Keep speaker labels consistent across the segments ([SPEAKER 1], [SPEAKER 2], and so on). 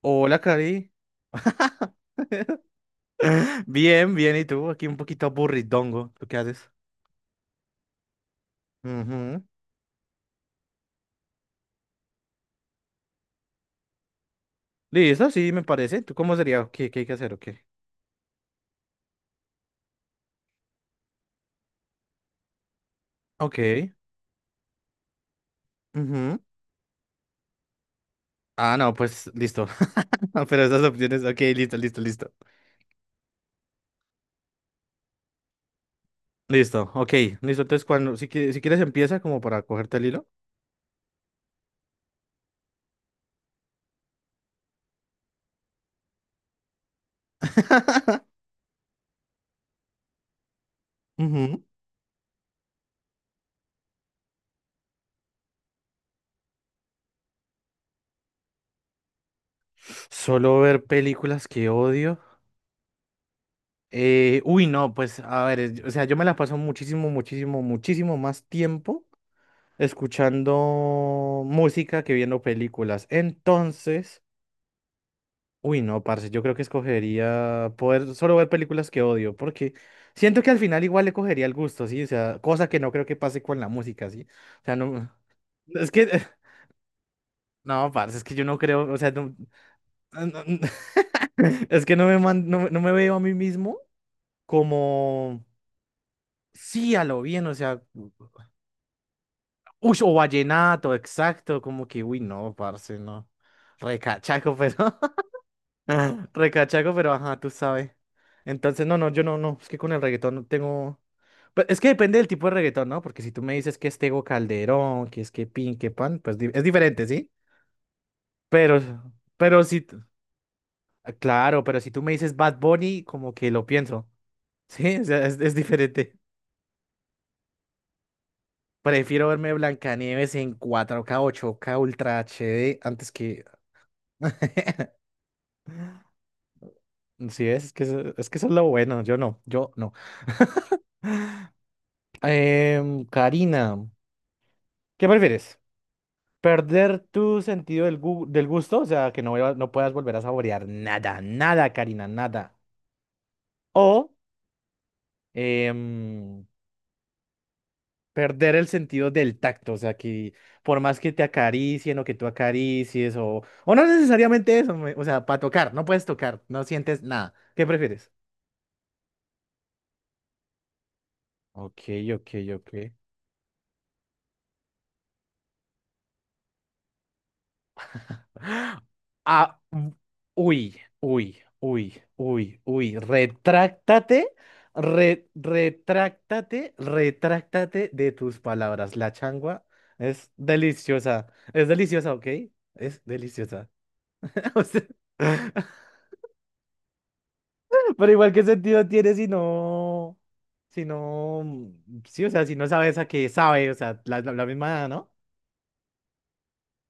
[SPEAKER 1] Hola, Cari. Bien, bien, ¿y tú? Aquí un poquito aburridongo. ¿Tú qué haces? Ujú. Listo, sí, me parece. ¿Tú cómo sería? ¿Qué hay que hacer? Ok. Ok. Ujú. Ah, no, pues listo. Pero esas opciones, ok, listo, listo, listo. Listo, ok, listo. Entonces, cuando, si, si quieres, empieza como para cogerte el hilo. Ujú. Solo ver películas que odio. Uy, no, pues a ver, o sea, yo me la paso muchísimo, muchísimo, muchísimo más tiempo escuchando música que viendo películas. Entonces, uy, no, parce, yo creo que escogería poder solo ver películas que odio, porque siento que al final igual le cogería el gusto, ¿sí? O sea, cosa que no creo que pase con la música, ¿sí? O sea, no, es que, no, parce, es que yo no creo, o sea, no- no- es que no me, no, no me veo a mí mismo como, sí, a lo bien, o sea, uy, o vallenato, exacto, como que, uy, no, parce, no. Recachaco, pero. Ajá, recachaco, pero ajá, tú sabes. Entonces, no, no, yo no, no, es que con el reggaetón no tengo... Pues, es que depende del tipo de reggaetón, ¿no? Porque si tú me dices que es Tego Calderón, que es que Pin, que Pan, pues es diferente, ¿sí? Pero, pero si, t- ah, claro, pero si tú me dices Bad Bunny, como que lo pienso, ¿sí? O sea, es diferente. Prefiero verme Blancanieves en 4K, 8K, Ultra HD antes que... Sí, es que eso, es que eso, es lo bueno, yo no. Karina. ¿Qué prefieres? ¿Perder tu sentido del gusto? O sea, que no, no puedas volver a saborear nada, nada, Karina, nada. O em, perder el sentido del tacto. O sea, que por más que te acaricien o que tú acaricies o... O no necesariamente eso, o sea, para tocar, no puedes tocar, no sientes nada. ¿Qué prefieres? Ok, ok, ok. Ah, mm, uy, uy, uy, uy, uy. Retráctate, retráctate, retráctate de tus palabras. La changua es deliciosa. Es deliciosa, ¿ok? Es deliciosa. O sea, Pero igual, ¿qué sentido tiene si no, sí, o sea, si no sabes a qué sabe, o sea, la misma, ¿no?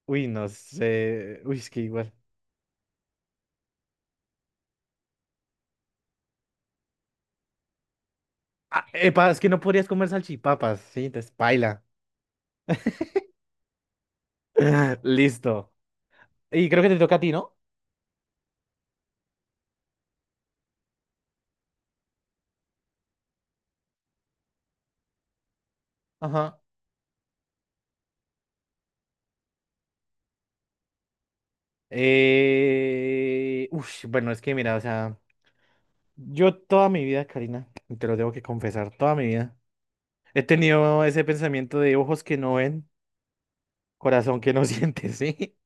[SPEAKER 1] Uy, no sé. Uy, es que igual. Ah, epa, es que no podrías comer salchipapas, sí, te espaila. Listo. Y creo que te toca a ti, ¿no? Ajá. Ush, bueno, es que mira, o sea, yo toda mi vida, Karina, y te lo tengo que confesar, toda mi vida, he tenido ese pensamiento de ojos que no ven, corazón que no siente, ¿sí?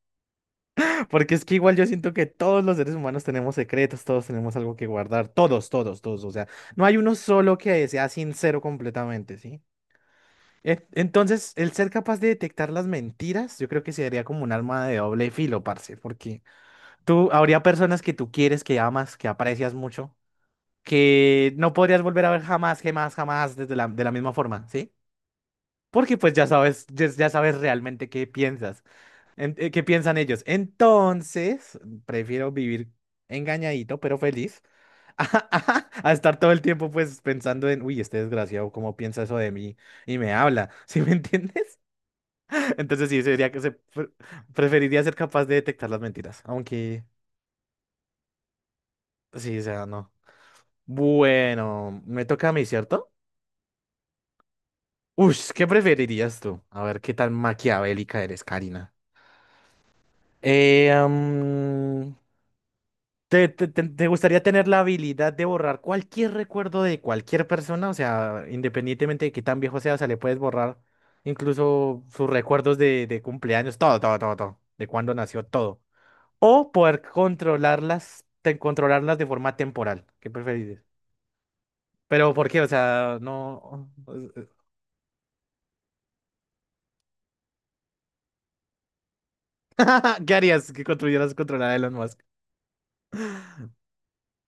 [SPEAKER 1] Porque es que igual yo siento que todos los seres humanos tenemos secretos, todos tenemos algo que guardar, todos, todos, todos, o sea, no hay uno solo que sea sincero completamente, ¿sí? Entonces, el ser capaz de detectar las mentiras, yo creo que sería como un arma de doble filo, parce, porque tú, habría personas que tú quieres, que amas, que aprecias mucho, que no podrías volver a ver jamás, jamás, jamás desde la, de la misma forma, ¿sí? Porque pues ya sabes, ya sabes realmente qué piensas, qué piensan ellos. Entonces, prefiero vivir engañadito, pero feliz, a, estar todo el tiempo pues pensando en, uy, este desgraciado, ¿cómo piensa eso de mí? Y me habla, ¿sí me entiendes? Entonces sí, sería que preferiría ser capaz de detectar las mentiras, aunque pues sí, o sea, no. Bueno, me toca a mí, ¿cierto? Uy, ¿qué preferirías tú? A ver, ¿qué tan maquiavélica eres, Karina? Eh, am, ¿te gustaría tener la habilidad de borrar cualquier recuerdo de cualquier persona? O sea, independientemente de qué tan viejo sea, o sea, le puedes borrar incluso sus recuerdos de, cumpleaños, todo, todo, todo, todo, de cuándo nació, todo. O poder controlarlas, controlarlas de forma temporal. ¿Qué preferirías? Pero ¿por qué? O sea, no. ¿Qué harías que construyeras controlar a Elon Musk?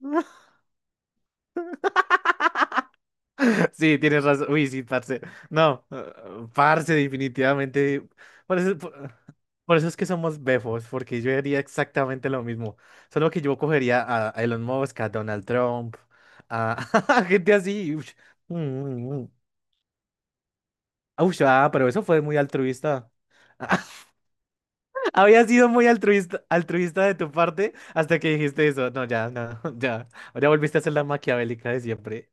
[SPEAKER 1] Sí, tienes razón. Uy, sí, parce. No, parce, definitivamente. Por eso, por eso es que somos befos, porque yo haría exactamente lo mismo. Solo que yo cogería a Elon Musk, a Donald Trump, a, a gente así. Ush. Mm, mm, mm. Ush, ah, pero eso fue muy altruista. Había sido muy altruista, altruista de tu parte hasta que dijiste eso. No, ya, no, ya. Ya volviste a ser la maquiavélica de siempre.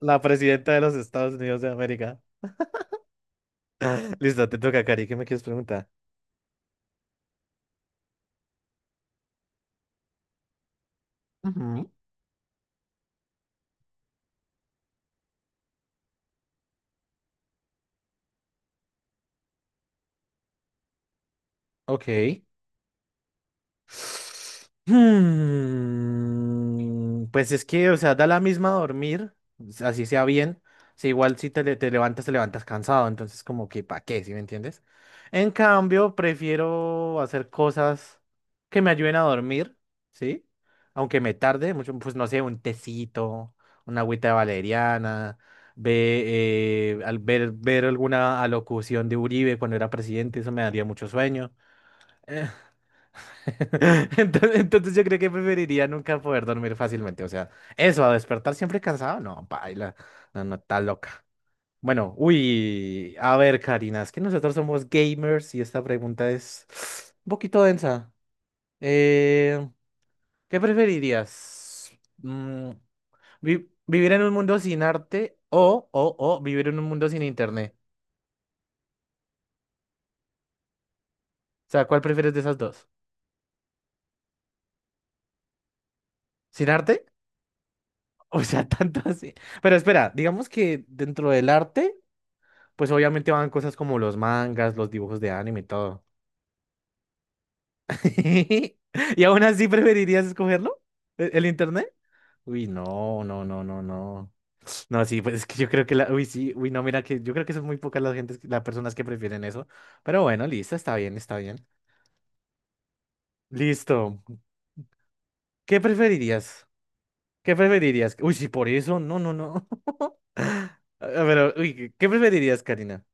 [SPEAKER 1] La presidenta de los Estados Unidos de América. Listo, te toca, Cari. ¿Qué me quieres preguntar? Ujú. Ok. Pues es que, o sea, da la misma dormir, así sea bien. Si igual si te levantas cansado, entonces como que, ¿para qué? ¿Sí me entiendes? En cambio, prefiero hacer cosas que me ayuden a dormir, ¿sí? Aunque me tarde mucho, pues no sé, un tecito, una agüita de valeriana, ve, ver alguna alocución de Uribe cuando era presidente, eso me daría mucho sueño. Entonces yo creo que preferiría nunca poder dormir fácilmente. O sea, eso, a despertar siempre cansado, no, baila, no, no, está loca. Bueno, uy, a ver, Karina, es que nosotros somos gamers y esta pregunta es un poquito densa. Eh, ¿Qué preferirías? Mm, ¿vivir en un mundo sin arte o vivir en un mundo sin internet? O sea, ¿cuál prefieres de esas dos? ¿Sin arte? O sea, tanto así. Pero espera, digamos que dentro del arte, pues obviamente van cosas como los mangas, los dibujos de anime y todo. ¿Y aún así preferirías escogerlo? ¿El internet? Uy, no, no, no, no, no. No, sí, pues es que yo creo que la, uy, sí, uy, no, mira que yo creo que son muy pocas las gentes, las personas que prefieren eso. Pero bueno, listo, está bien, está bien. Listo. ¿Qué preferirías? ¿Qué preferirías? Uy, sí, por eso, no, no, no. Pero, uy, ¿qué preferirías, Karina?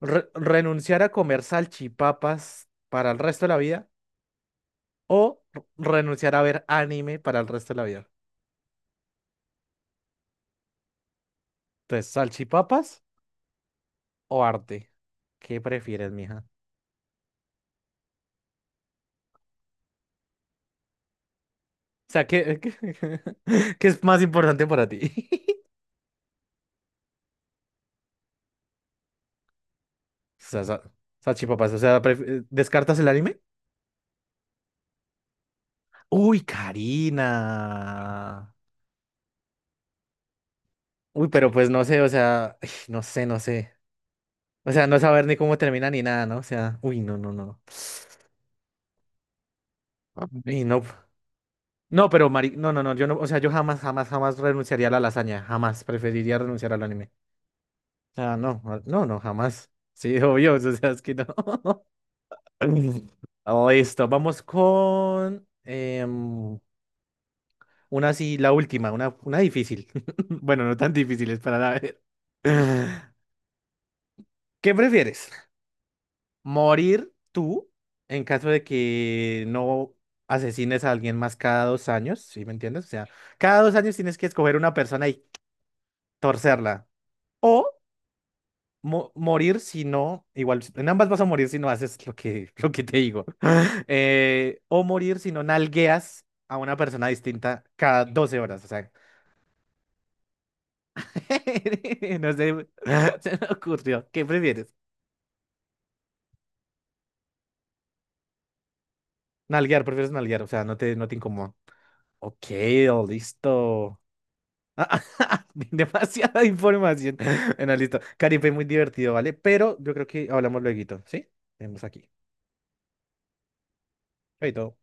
[SPEAKER 1] ¿Renunciar a comer salchipapas para el resto de la vida? O renunciar a ver anime para el resto de la vida. Entonces, salchipapas o arte. ¿Qué prefieres, mija? O sea, qué es más importante para ti? O sea, salchipapas, o sea, ¿descartas el anime? Uy, Karina. Uy, pero pues no sé, o sea, no sé, no sé. O sea, no saber ni cómo termina ni nada, ¿no? O sea, uy, no, no, no. Y no, no, pero Mari, no, no, no, yo no, o sea, yo jamás, jamás, jamás renunciaría a la lasaña, jamás preferiría renunciar al anime. Ah, no, ah, no, no, jamás. Sí, obvio, o sea, es que no. Oh, listo, vamos con una así, la última, una difícil. Bueno, no tan difíciles para la ver. ¿Qué prefieres? ¿Morir tú en caso de que no asesines a alguien más cada 2 años? ¿Sí me entiendes? O sea, cada 2 años tienes que escoger una persona y torcerla. O morir si no, igual, en ambas vas a morir si no haces lo que, te digo. O morir si no nalgueas a una persona distinta cada 12 horas. O sea, no sé, se me ocurrió. ¿Qué prefieres? Nalguear, prefieres nalguear, o sea, no te incomoda. Ok, oh, listo. Demasiada información. Bueno, listo. Caripe, muy divertido, ¿vale? Pero yo creo que hablamos luego, ¿sí? Vemos aquí. Chaito.